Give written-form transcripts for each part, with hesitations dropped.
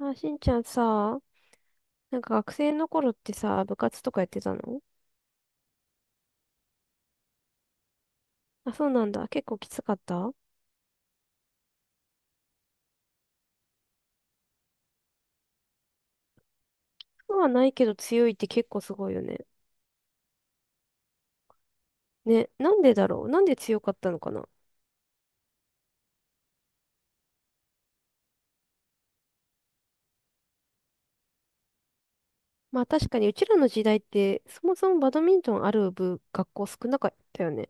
あ、しんちゃんさ、なんか学生の頃ってさ、部活とかやってたの？あ、そうなんだ。結構きつかった？そうはないけど強いって結構すごいよね。ね、なんでだろう、なんで強かったのかな？まあ確かにうちらの時代って、そもそもバドミントンある部、学校少なかったよね。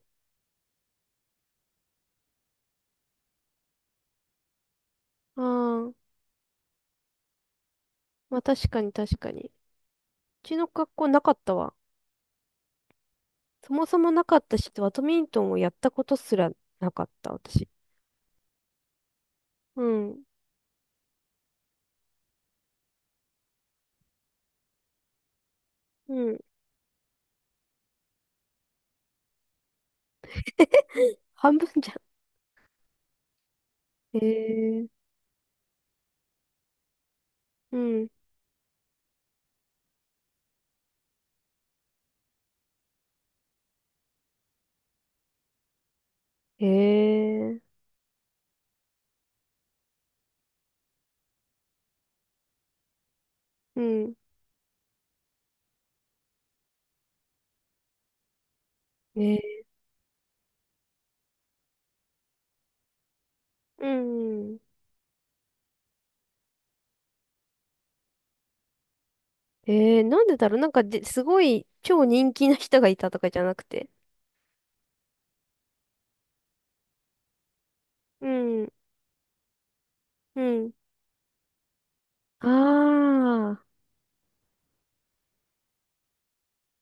ああ、まあ確かに確かに。うちの学校なかったわ。そもそもなかったし、バドミントンをやったことすらなかった、私。うん。うん。半分じゃん。へえ。うん。へえ。うん。ね。うん。なんでだろう、なんかで、すごい超人気な人がいたとかじゃなくて。うん。うん。ああ。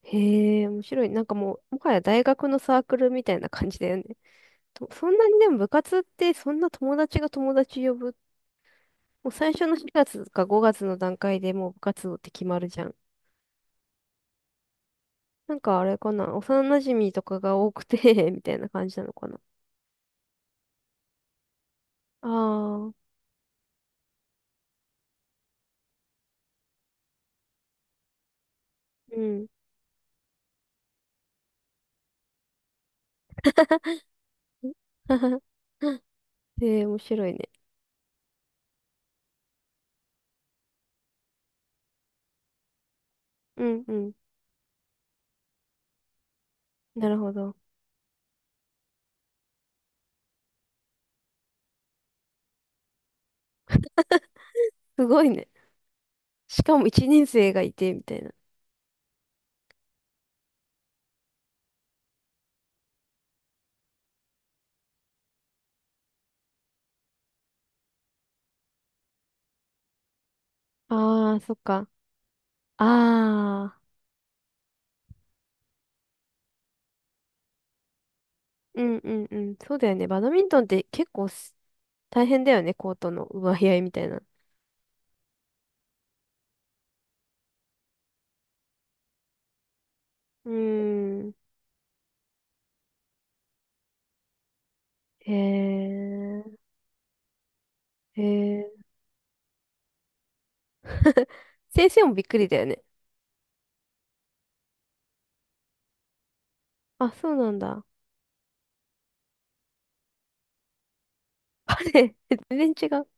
へえ、面白い。なんかもう、もはや大学のサークルみたいな感じだよね。とそんなにでも部活ってそんな友達が友達呼ぶ。もう最初の4月か5月の段階でもう部活動って決まるじゃん。なんかあれかな。幼馴染とかが多くて みたいな感じなのかな。ああ。うん。えー、面白いね。うんうん。なるほど。すごいね。しかも一年生がいて、みたいな。ああ、そっか。ああ。うんうんうん。そうだよね。バドミントンって結構大変だよね。コートの奪い合いみたいな。うーん。へえ。へえ。先生もびっくりだよね。あ、そうなんだ。あれ、全然違う。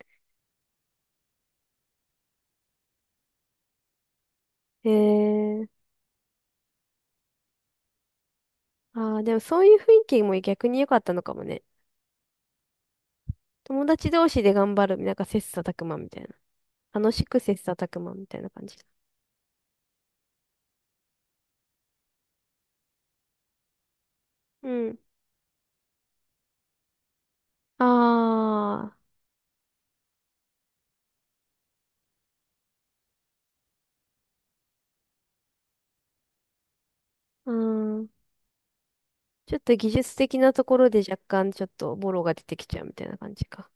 へえ。ああ、でもそういう雰囲気も逆に良かったのかもね。友達同士で頑張る、なんか切磋琢磨みたいな。楽しく切磋琢磨みたいな感じ。うん。ああ、うん。ちょっと技術的なところで若干ちょっとボロが出てきちゃうみたいな感じか。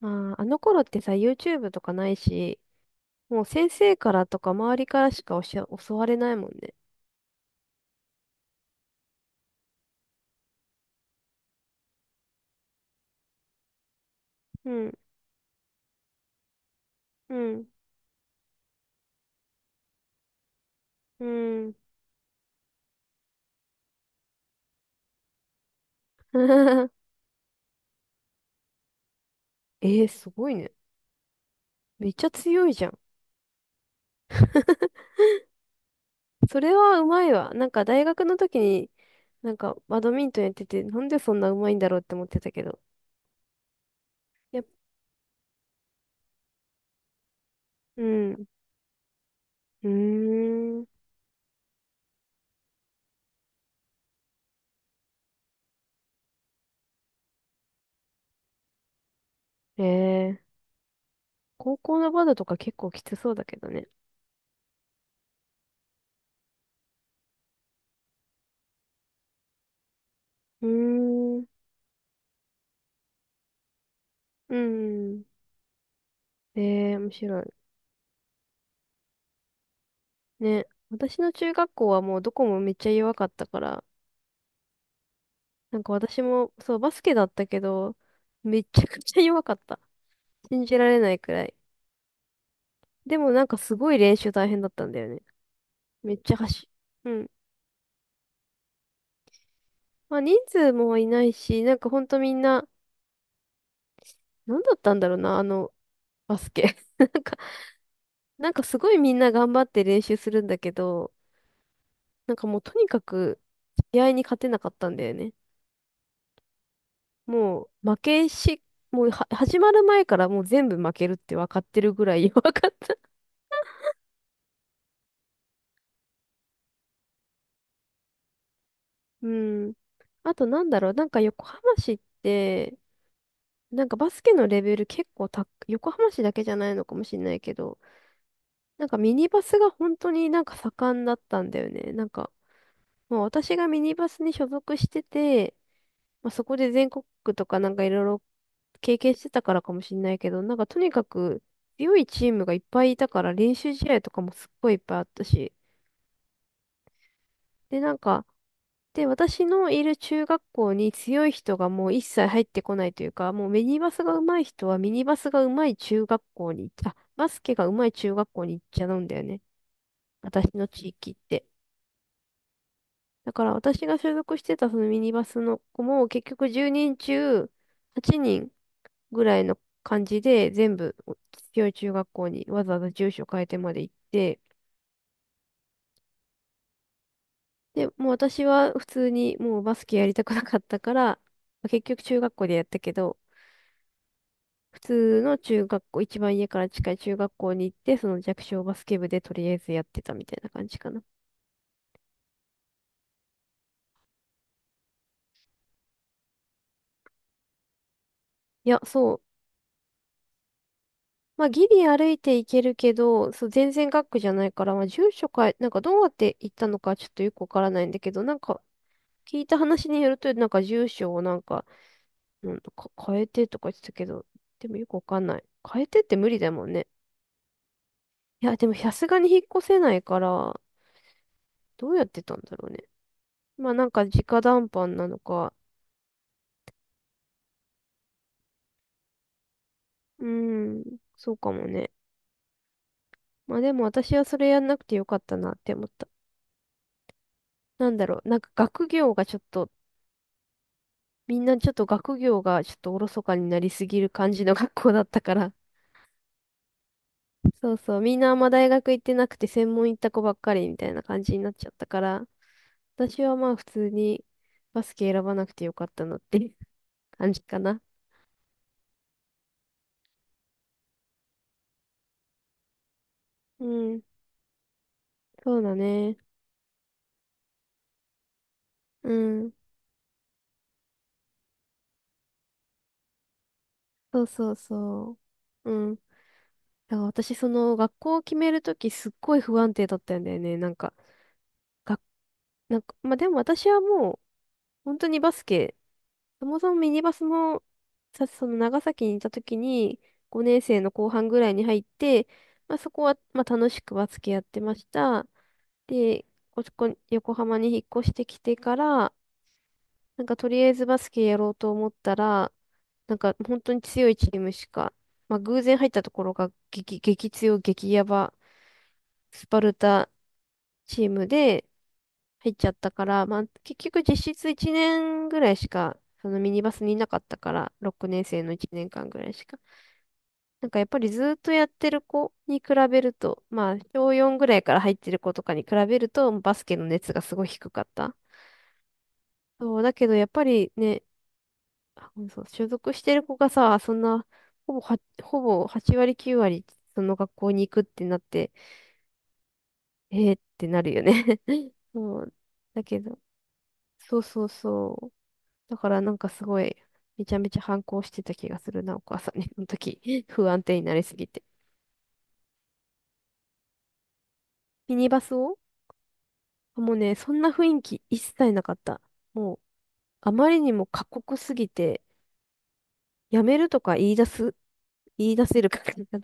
まああ、あの頃ってさ、YouTube とかないし、もう先生からとか周りからしか教われないもんね。うん、うん、うん。えー、すごいね。めっちゃ強いじゃん。それはうまいわ。なんか大学の時に、なんかバドミントンやってて、なんでそんなうまいんだろうって思ってたけど。やっぱ、うん。うーん。えー高校のバドとか結構きつそうだけどね。うーん。うん。ええ、面白い。ね。私の中学校はもうどこもめっちゃ弱かったから、なんか私も、そう、バスケだったけど、めちゃくちゃ弱かった。信じられないくらい。でもなんかすごい練習大変だったんだよね。めっちゃ走、うん。まあ人数もいないし、なんかほんとみんな、なんだったんだろうな、バスケ。なんかすごいみんな頑張って練習するんだけど、なんかもうとにかく、試合に勝てなかったんだよね。もう、負けし、もうは、始まる前からもう全部負けるって分かってるぐらい 弱かった。うん。あとなんだろう、なんか横浜市って、なんかバスケのレベル結構た、横浜市だけじゃないのかもしれないけど、なんかミニバスが本当になんか盛んだったんだよね。なんか、もう私がミニバスに所属してて、まあ、そこで全国区とかなんかいろいろ経験してたからかもしれないけど、なんかとにかく強いチームがいっぱいいたから練習試合とかもすっごいいっぱいあったし。で、なんか、で、私のいる中学校に強い人がもう一切入ってこないというか、もうミニバスが上手い人はミニバスが上手い中学校に行っあ、バスケが上手い中学校に行っちゃうんだよね。私の地域って。だから私が所属してたそのミニバスの子も結局10人中8人ぐらいの感じで、全部強い中学校にわざわざ住所変えてまで行って、で、もう私は普通にもうバスケやりたくなかったから、結局中学校でやったけど、普通の中学校、一番家から近い中学校に行って、その弱小バスケ部でとりあえずやってたみたいな感じかな。いや、そう。まあ、ギリ歩いていけるけど、そう、全然学区じゃないから、まあ、住所変え、なんかどうやって行ったのかちょっとよくわからないんだけど、なんか聞いた話によると、なんか住所をなんか、うん、変えてとか言ってたけど、でもよくわかんない。変えてって無理だもんね。いや、でもさすがに引っ越せないから、どうやってたんだろうね。まあなんか直談判なのか。うーん、そうかもね。まあでも私はそれやんなくてよかったなって思った。なんだろう、なんか学業がちょっと、みんなちょっと学業がちょっとおろそかになりすぎる感じの学校だったから。そうそう、みんなあんま大学行ってなくて専門行った子ばっかりみたいな感じになっちゃったから。私はまあ普通にバスケ選ばなくてよかったのっていう 感じかな。うん、そうだね。うん、そうそうそう。うん。だから私その学校を決めるときすっごい不安定だったんだよね。が、なんか、まあでも私はもう本当にバスケ、そもそもミニバスもさ、その長崎にいたときに5年生の後半ぐらいに入って、まあそこは、まあ楽しくバスケやってました。で、横浜に引っ越してきてから、なんかとりあえずバスケやろうと思ったら、なんか本当に強いチームしか、まあ偶然入ったところが激、激強、激ヤバ、スパルタチームで入っちゃったから、まあ結局実質1年ぐらいしか、そのミニバスにいなかったから、6年生の1年間ぐらいしか。なんかやっぱりずっとやってる子に比べると、まあ小4ぐらいから入ってる子とかに比べると、バスケの熱がすごい低かった。そう、だけどやっぱりね、あうんそう、所属してる子がさ、そんな、ほぼ8割9割、その学校に行くってなって、えーってなるよね。 そう。だけど、そうそうそう。だからなんかすごい、めちゃめちゃ反抗してた気がするな、お母さんに、その時。不安定になりすぎて。ミニバスを？もうね、そんな雰囲気一切なかった。もう、あまりにも過酷すぎて、やめるとか言い出せるか な。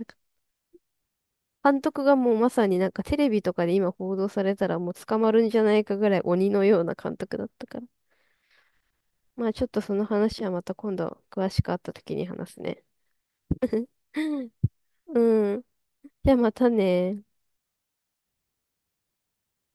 監督がもうまさになんかテレビとかで今報道されたらもう捕まるんじゃないかぐらい鬼のような監督だったから。まあちょっとその話はまた今度詳しく会った時に話すね。うん。じゃあまたね。